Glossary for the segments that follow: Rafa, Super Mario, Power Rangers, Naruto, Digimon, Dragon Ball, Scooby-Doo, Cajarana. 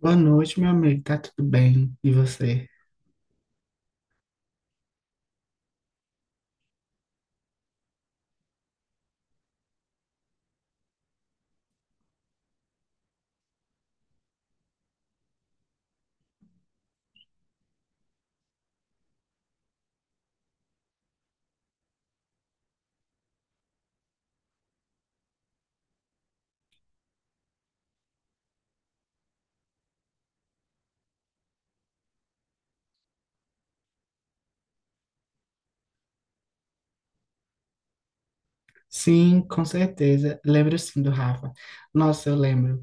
Boa noite, meu amigo. Tá tudo bem? E você? Sim, com certeza. Lembro sim do Rafa. Nossa, eu lembro.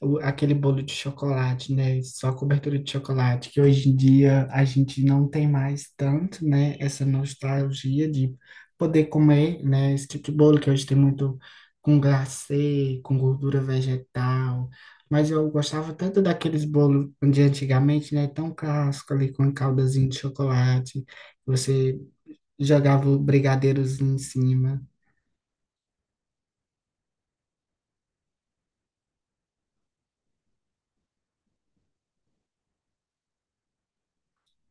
Aquele bolo de chocolate, né? Só cobertura de chocolate, que hoje em dia a gente não tem mais tanto, né? Essa nostalgia de poder comer, né? Esse tipo de bolo que hoje tem muito com glacê, com gordura vegetal. Mas eu gostava tanto daqueles bolos de antigamente, né? Tão clássico ali, com a caldazinha de chocolate. Você jogava o brigadeiros em cima.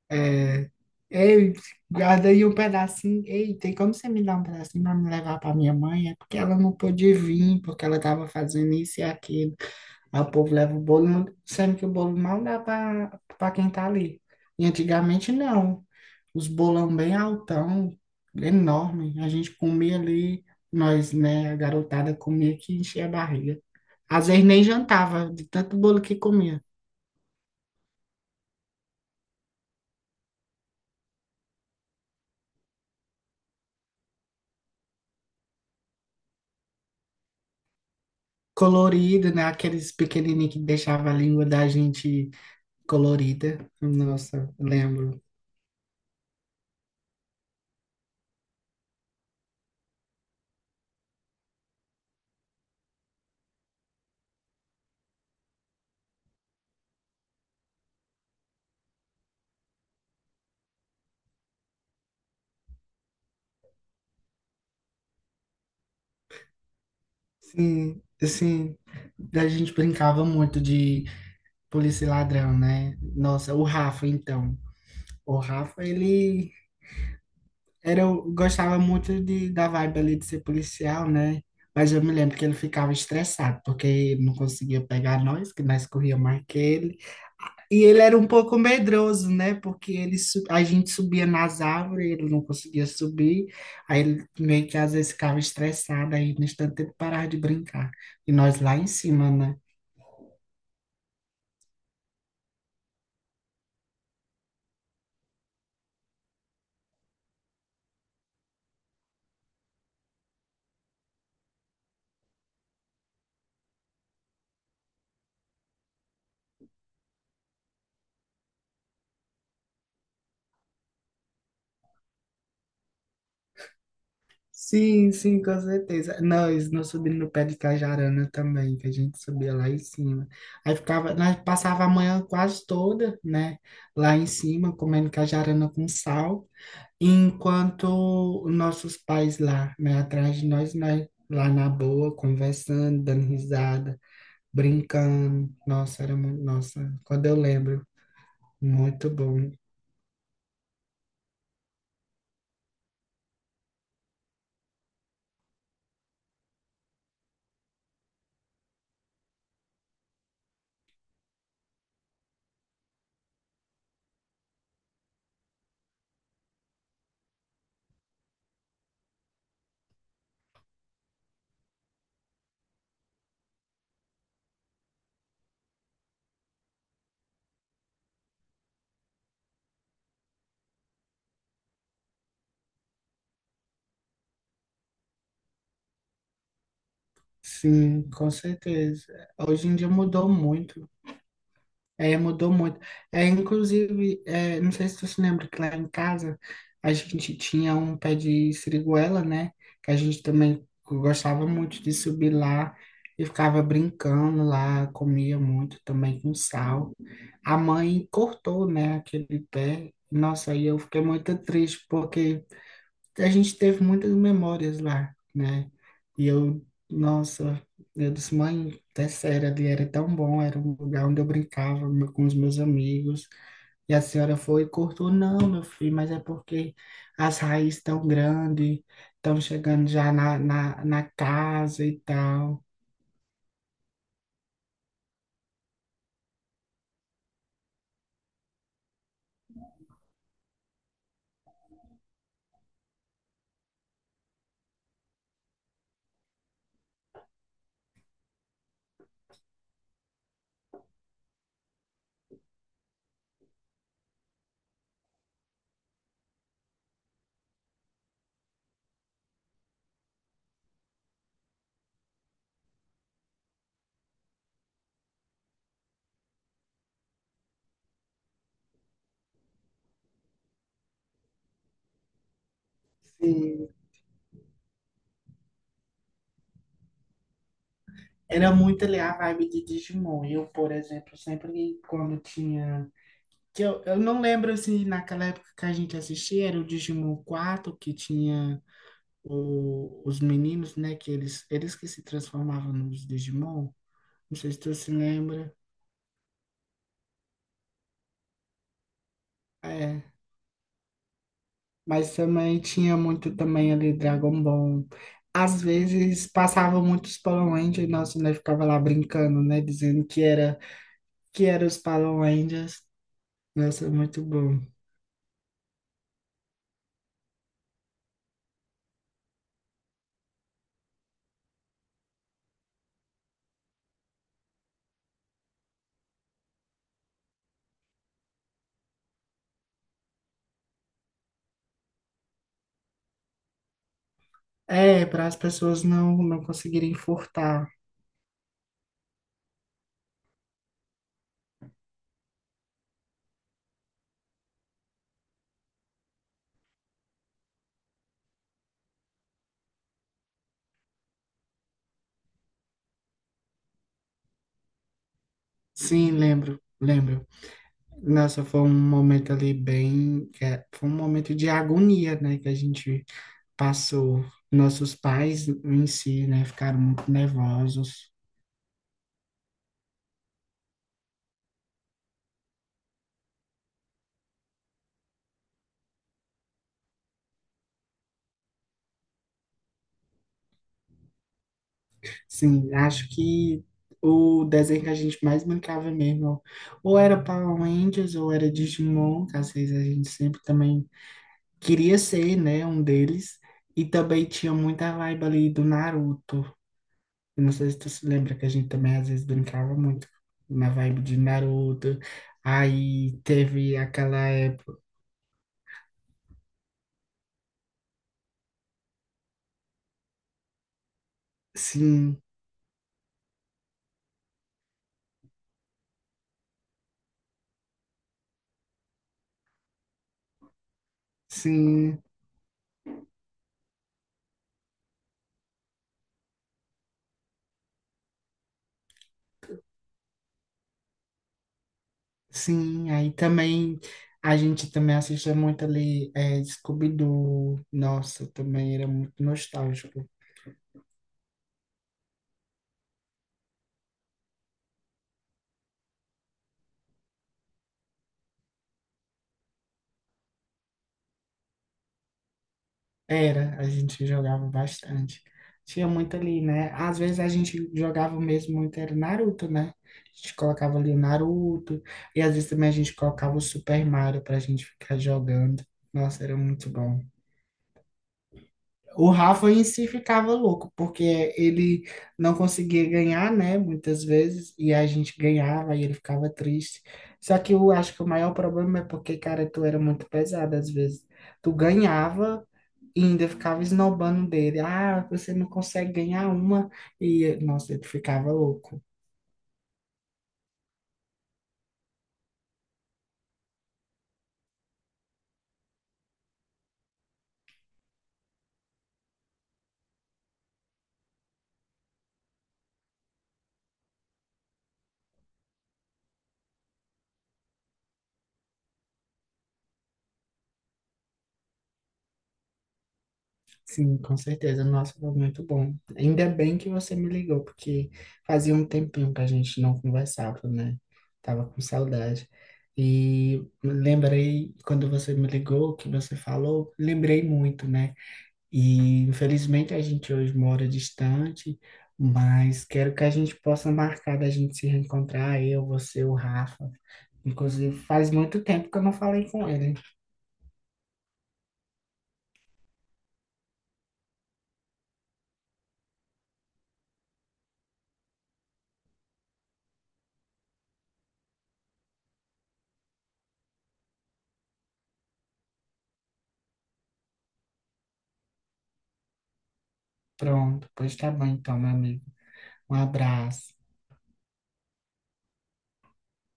É, ei, guarda aí um pedacinho. Ei, tem como você me dar um pedacinho para me levar para minha mãe? É porque ela não pôde vir, porque ela estava fazendo isso e aquilo. Aí o povo leva o bolo, sendo que o bolo mal dá para quem tá ali. E antigamente não. Os bolão bem altão, enorme. A gente comia ali, nós, né, a garotada comia que enchia a barriga. Às vezes nem jantava, de tanto bolo que comia. Colorido, né? Aqueles pequenininhos que deixava a língua da gente colorida. Nossa, lembro. Sim, assim, a gente brincava muito de polícia e ladrão, né? Nossa, o Rafa, então. O Rafa, ele era, gostava muito de, da vibe ali de ser policial, né? Mas eu me lembro que ele ficava estressado, porque não conseguia pegar nós, que nós corria mais que ele. E ele era um pouco medroso, né? Porque ele, a gente subia nas árvores, ele não conseguia subir. Aí ele meio que às vezes ficava estressado, aí no instante ele parava de brincar. E nós lá em cima, né? Sim, sim, com certeza. Nós subimos no pé de Cajarana também, que a gente subia lá em cima. Aí ficava, nós passava a manhã quase toda, né? Lá em cima, comendo cajarana com sal. Enquanto nossos pais lá, né, atrás de nós, nós lá na boa, conversando, dando risada, brincando. Nossa, era muito, nossa, quando eu lembro, muito bom. Sim, com certeza. Hoje em dia mudou muito. É, mudou muito. É, inclusive, é, não sei se você lembra que lá em casa a gente tinha um pé de siriguela, né? Que a gente também gostava muito de subir lá e ficava brincando lá, comia muito também com sal. A mãe cortou, né, aquele pé. Nossa, aí eu fiquei muito triste porque a gente teve muitas memórias lá, né? E eu, nossa, eu disse, mãe, é sério, ali era tão bom, era um lugar onde eu brincava com os meus amigos. E a senhora foi e cortou, não, meu filho, mas é porque as raízes estão grandes, estão chegando já na, na, na casa e tal. Sim. Era muito ali a vibe de Digimon. Eu, por exemplo, sempre quando tinha que eu não lembro se naquela época que a gente assistia era o Digimon 4 que tinha os meninos, né? Que eles que se transformavam nos Digimon. Não sei se tu se lembra. É. Mas também tinha muito também ali Dragon Ball. Às vezes passavam muitos Power Rangers e nossa, né, ficava lá brincando, né? Dizendo que era os Power Rangers. Nossa, muito bom. É, para as pessoas não, não conseguirem furtar. Sim, lembro, lembro. Nossa, foi um momento ali bem, foi um momento de agonia, né, que a gente passou. Nossos pais em si, né, ficaram muito nervosos. Sim, acho que o desenho que a gente mais brincava mesmo, ou era Power Rangers, ou era Digimon, que às vezes a gente sempre também queria ser, né, um deles. E também tinha muita vibe ali do Naruto. Eu não sei se tu se lembra que a gente também às vezes brincava muito na vibe de Naruto. Aí teve aquela época. Sim, sim, sim. Aí também a gente também assistia muito ali é, Scooby-Doo. Nossa, também era muito nostálgico. Era, a gente jogava bastante. Tinha muito ali, né? Às vezes a gente jogava mesmo muito, era Naruto, né? A gente colocava ali o Naruto, e às vezes também a gente colocava o Super Mario pra gente ficar jogando. Nossa, era muito bom. O Rafa em si ficava louco, porque ele não conseguia ganhar, né? Muitas vezes, e a gente ganhava e ele ficava triste. Só que eu acho que o maior problema é porque, cara, tu era muito pesado às vezes. Tu ganhava. E ainda ficava esnobando dele. Ah, você não consegue ganhar uma. E, nossa, ele ficava louco. Sim, com certeza. Nossa, foi muito bom. Ainda bem que você me ligou, porque fazia um tempinho que a gente não conversava, né? Tava com saudade. E lembrei, quando você me ligou, que você falou, lembrei muito, né? E infelizmente a gente hoje mora distante, mas quero que a gente possa marcar da gente se reencontrar, eu, você, o Rafa. Inclusive, faz muito tempo que eu não falei com ele. Pronto, pois tá bom então, meu amigo. Um abraço.